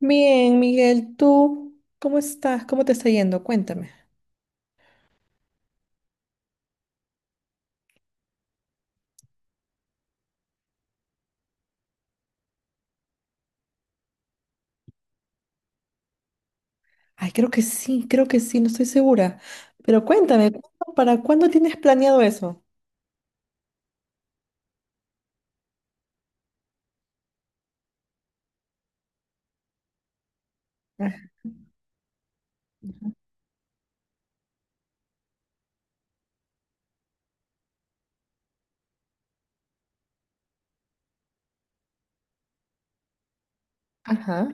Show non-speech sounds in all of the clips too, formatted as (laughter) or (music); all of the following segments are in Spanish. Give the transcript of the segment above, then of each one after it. Bien, Miguel, ¿tú cómo estás? ¿Cómo te está yendo? Cuéntame. Ay, creo que sí, no estoy segura. Pero cuéntame, ¿para cuándo tienes planeado eso? Ah, ajá,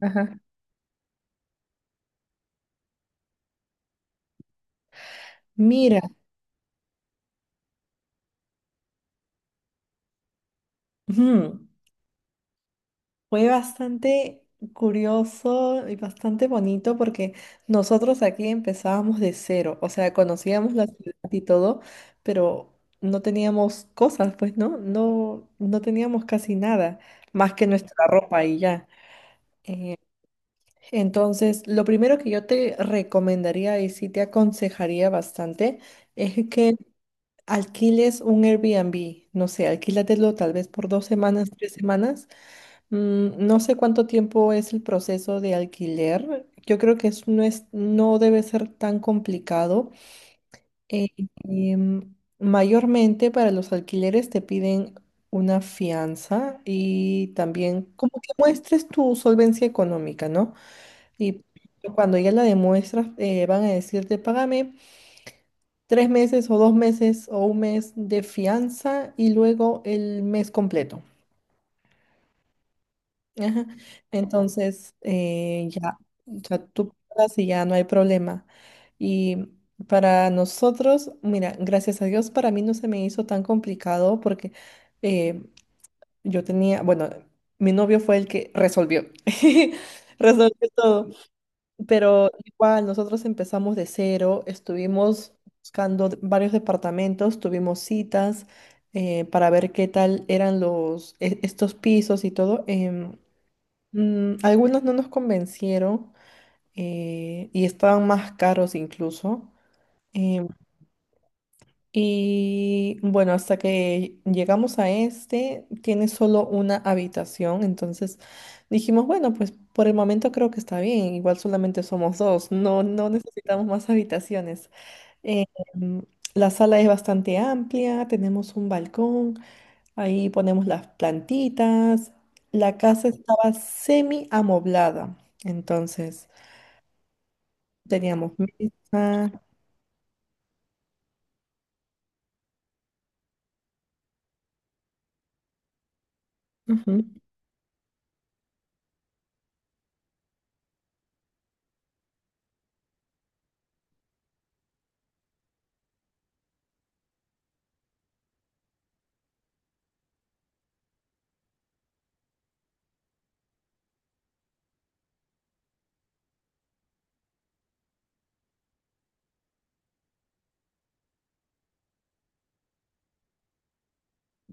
ajá. Mira, ujú. Fue bastante curioso y bastante bonito porque nosotros aquí empezábamos de cero, o sea, conocíamos la ciudad y todo, pero no teníamos cosas, pues, ¿no? No, no teníamos casi nada, más que nuestra ropa y ya. Entonces, lo primero que yo te recomendaría y sí te aconsejaría bastante es que alquiles un Airbnb. No sé, alquílatelo tal vez por dos semanas, tres semanas. No sé cuánto tiempo es el proceso de alquiler. Yo creo que no debe ser tan complicado. Eh, em, mayormente para los alquileres te piden una fianza y también como que muestres tu solvencia económica, ¿no? Y cuando ya la demuestras, van a decirte, págame tres meses o dos meses o un mes de fianza y luego el mes completo. Ajá. Entonces, ya, o sea, tú pagas y ya no hay problema. Y para nosotros, mira, gracias a Dios, para mí no se me hizo tan complicado porque eh, yo tenía, bueno, mi novio fue el que resolvió. (laughs) Resolvió todo. Pero igual, nosotros empezamos de cero, estuvimos varios departamentos, tuvimos citas para ver qué tal eran estos pisos y todo. Algunos no nos convencieron, y estaban más caros incluso. em, y bueno, hasta que llegamos a este, tiene solo una habitación, entonces dijimos, bueno, pues por el momento creo que está bien, igual solamente somos dos, no, no necesitamos más habitaciones. Eh, mm, la sala es bastante amplia, tenemos un balcón, ahí ponemos las plantitas, la casa estaba semi amoblada, entonces teníamos mesa.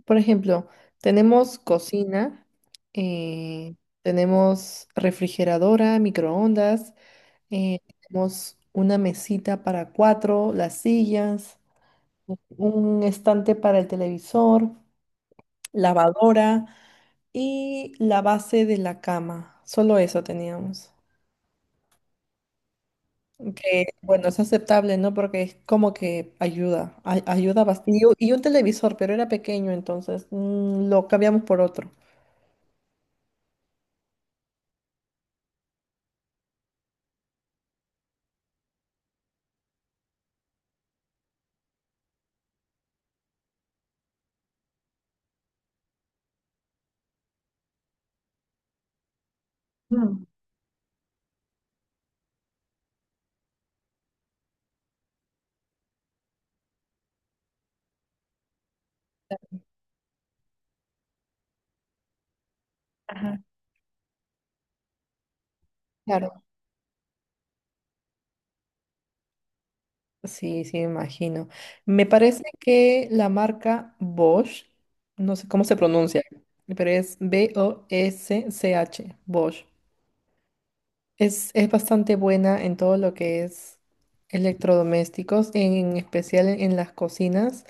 Por ejemplo, tenemos cocina, eh, tenemos refrigeradora, microondas, eh, tenemos una mesita para cuatro, las sillas, un estante para el televisor, lavadora y la base de la cama. Solo eso teníamos. Que bueno, es aceptable, ¿no? Porque es como que ayuda bastante. Y un televisor, pero era pequeño, entonces lo cambiamos por otro. Claro. Sí, sí, me imagino. Me parece que la marca Bosch, no sé cómo se pronuncia, pero es Bosch, Bosch. Es bastante buena en todo lo que es electrodomésticos, en especial en las cocinas.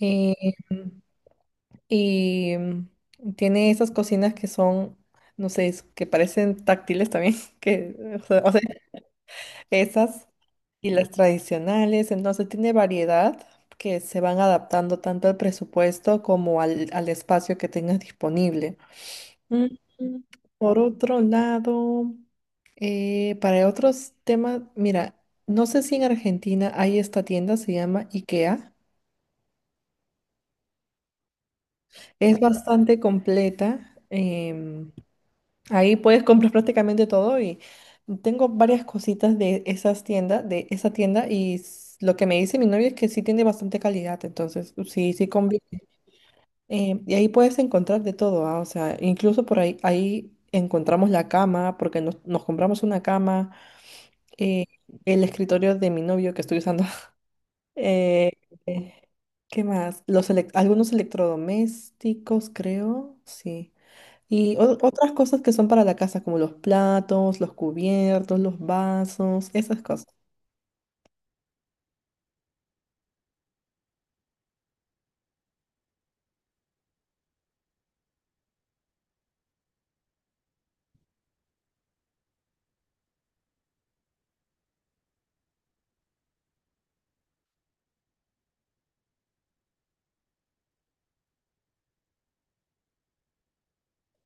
Eh, y tiene esas cocinas que son, no sé, que parecen táctiles también, (laughs) que, o sea, esas y las tradicionales, entonces tiene variedad que se van adaptando tanto al presupuesto como al, al espacio que tengas disponible. Mm, Por otro lado, para otros temas, mira, no sé si en Argentina hay esta tienda, se llama IKEA. Es bastante completa. Ahí puedes comprar prácticamente todo y tengo varias cositas de esas tiendas, de esa tienda y lo que me dice mi novio es que sí tiene bastante calidad, entonces sí, sí conviene. Y ahí puedes encontrar de todo, ah, o sea, incluso por ahí, ahí encontramos la cama, porque nos, nos compramos una cama, eh, el escritorio de mi novio que estoy usando. (laughs) eh, eh, ¿qué más? Algunos electrodomésticos, creo, sí. Y otras cosas que son para la casa, como los platos, los cubiertos, los vasos, esas cosas.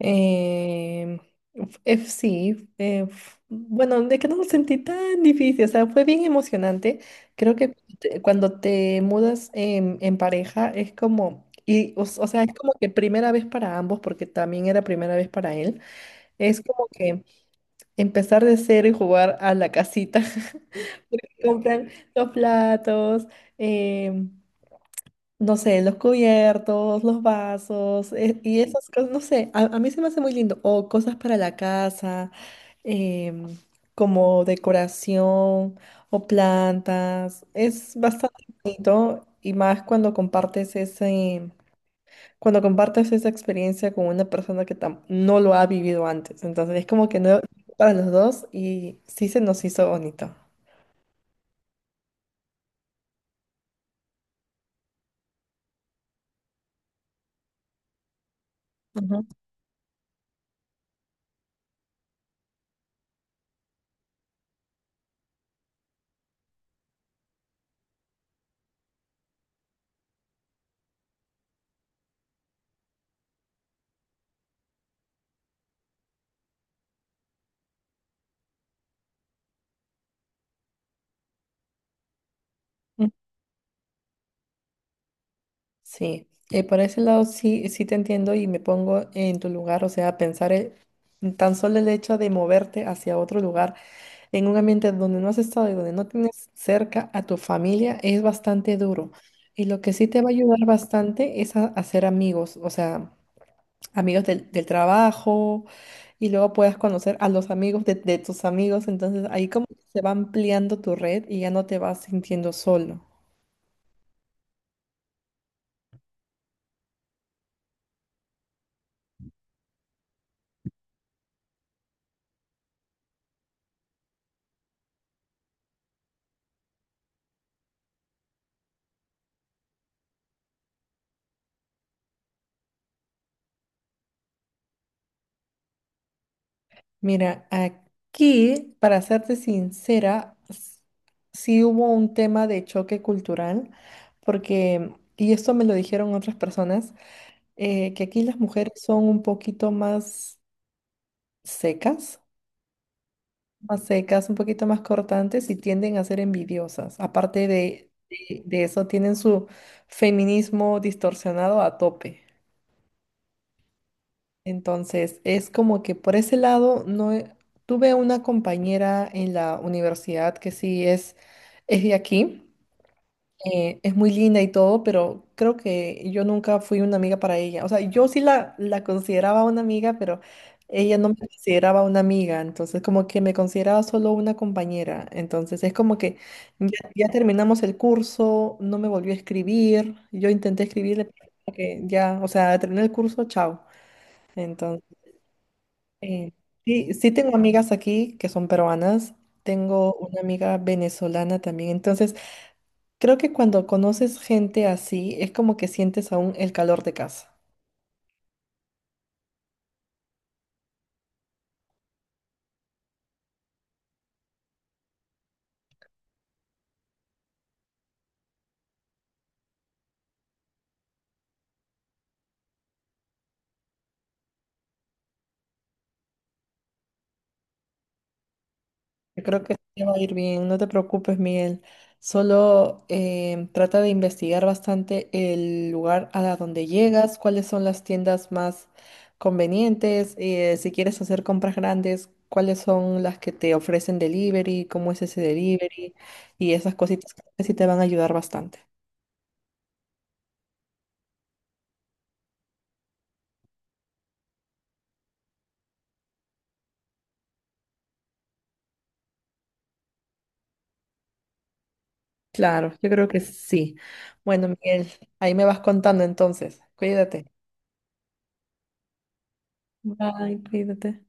Em, sí, bueno, de que no lo sentí tan difícil, o sea, fue bien emocionante. Creo que cuando te mudas en pareja es como, o sea, es como que primera vez para ambos, porque también era primera vez para él, es como que empezar de cero y jugar a la casita, (laughs) porque compran los platos. em, no sé, los cubiertos, los vasos, y esas cosas, no sé, a mí se me hace muy lindo. O cosas para la casa, em, como decoración o plantas. Es bastante bonito y más cuando compartes ese, cuando compartes esa experiencia con una persona que no lo ha vivido antes. Entonces es como que no para los dos y sí se nos hizo bonito. Ujú. Sí, por ese lado sí, sí te entiendo y me pongo en tu lugar, o sea, pensar, tan solo el hecho de moverte hacia otro lugar, en un ambiente donde no has estado y donde no tienes cerca a tu familia, es bastante duro. Y lo que sí te va a ayudar bastante es a hacer amigos, o sea, amigos del, del trabajo y luego puedas conocer a los amigos de tus amigos, entonces ahí como que se va ampliando tu red y ya no te vas sintiendo solo. Mira, aquí, para serte sincera, sí hubo un tema de choque cultural, porque, y esto me lo dijeron otras personas, que aquí las mujeres son un poquito secas, más secas, un poquito más cortantes y tienden a ser envidiosas. Aparte de, de eso, tienen su feminismo distorsionado a tope. Entonces, es como que por ese lado no he- tuve una compañera en la universidad que sí es de aquí, es muy linda y todo, pero creo que yo nunca fui una amiga para ella. O sea, yo sí la consideraba una amiga, pero ella no me consideraba una amiga, entonces como que me consideraba solo una compañera. Entonces, es como que ya, ya terminamos el curso, no me volvió a escribir, yo intenté escribirle, pero como que ya, o sea, terminé el curso, chao. Entonces... Eh, sí, sí tengo amigas aquí que son peruanas, tengo una amiga venezolana también, entonces creo que cuando conoces gente así es como que sientes aún el calor de casa. Yo creo que te va a ir bien, no te preocupes, Miguel. Solo trata de investigar bastante el lugar a donde llegas, cuáles son las tiendas más convenientes, si quieres hacer compras grandes, cuáles son las que te ofrecen delivery, cómo es ese delivery y esas cositas que sí te van a ayudar bastante. Claro, yo creo que sí. Bueno, Miguel, ahí me vas contando entonces. Cuídate. Bye, cuídate.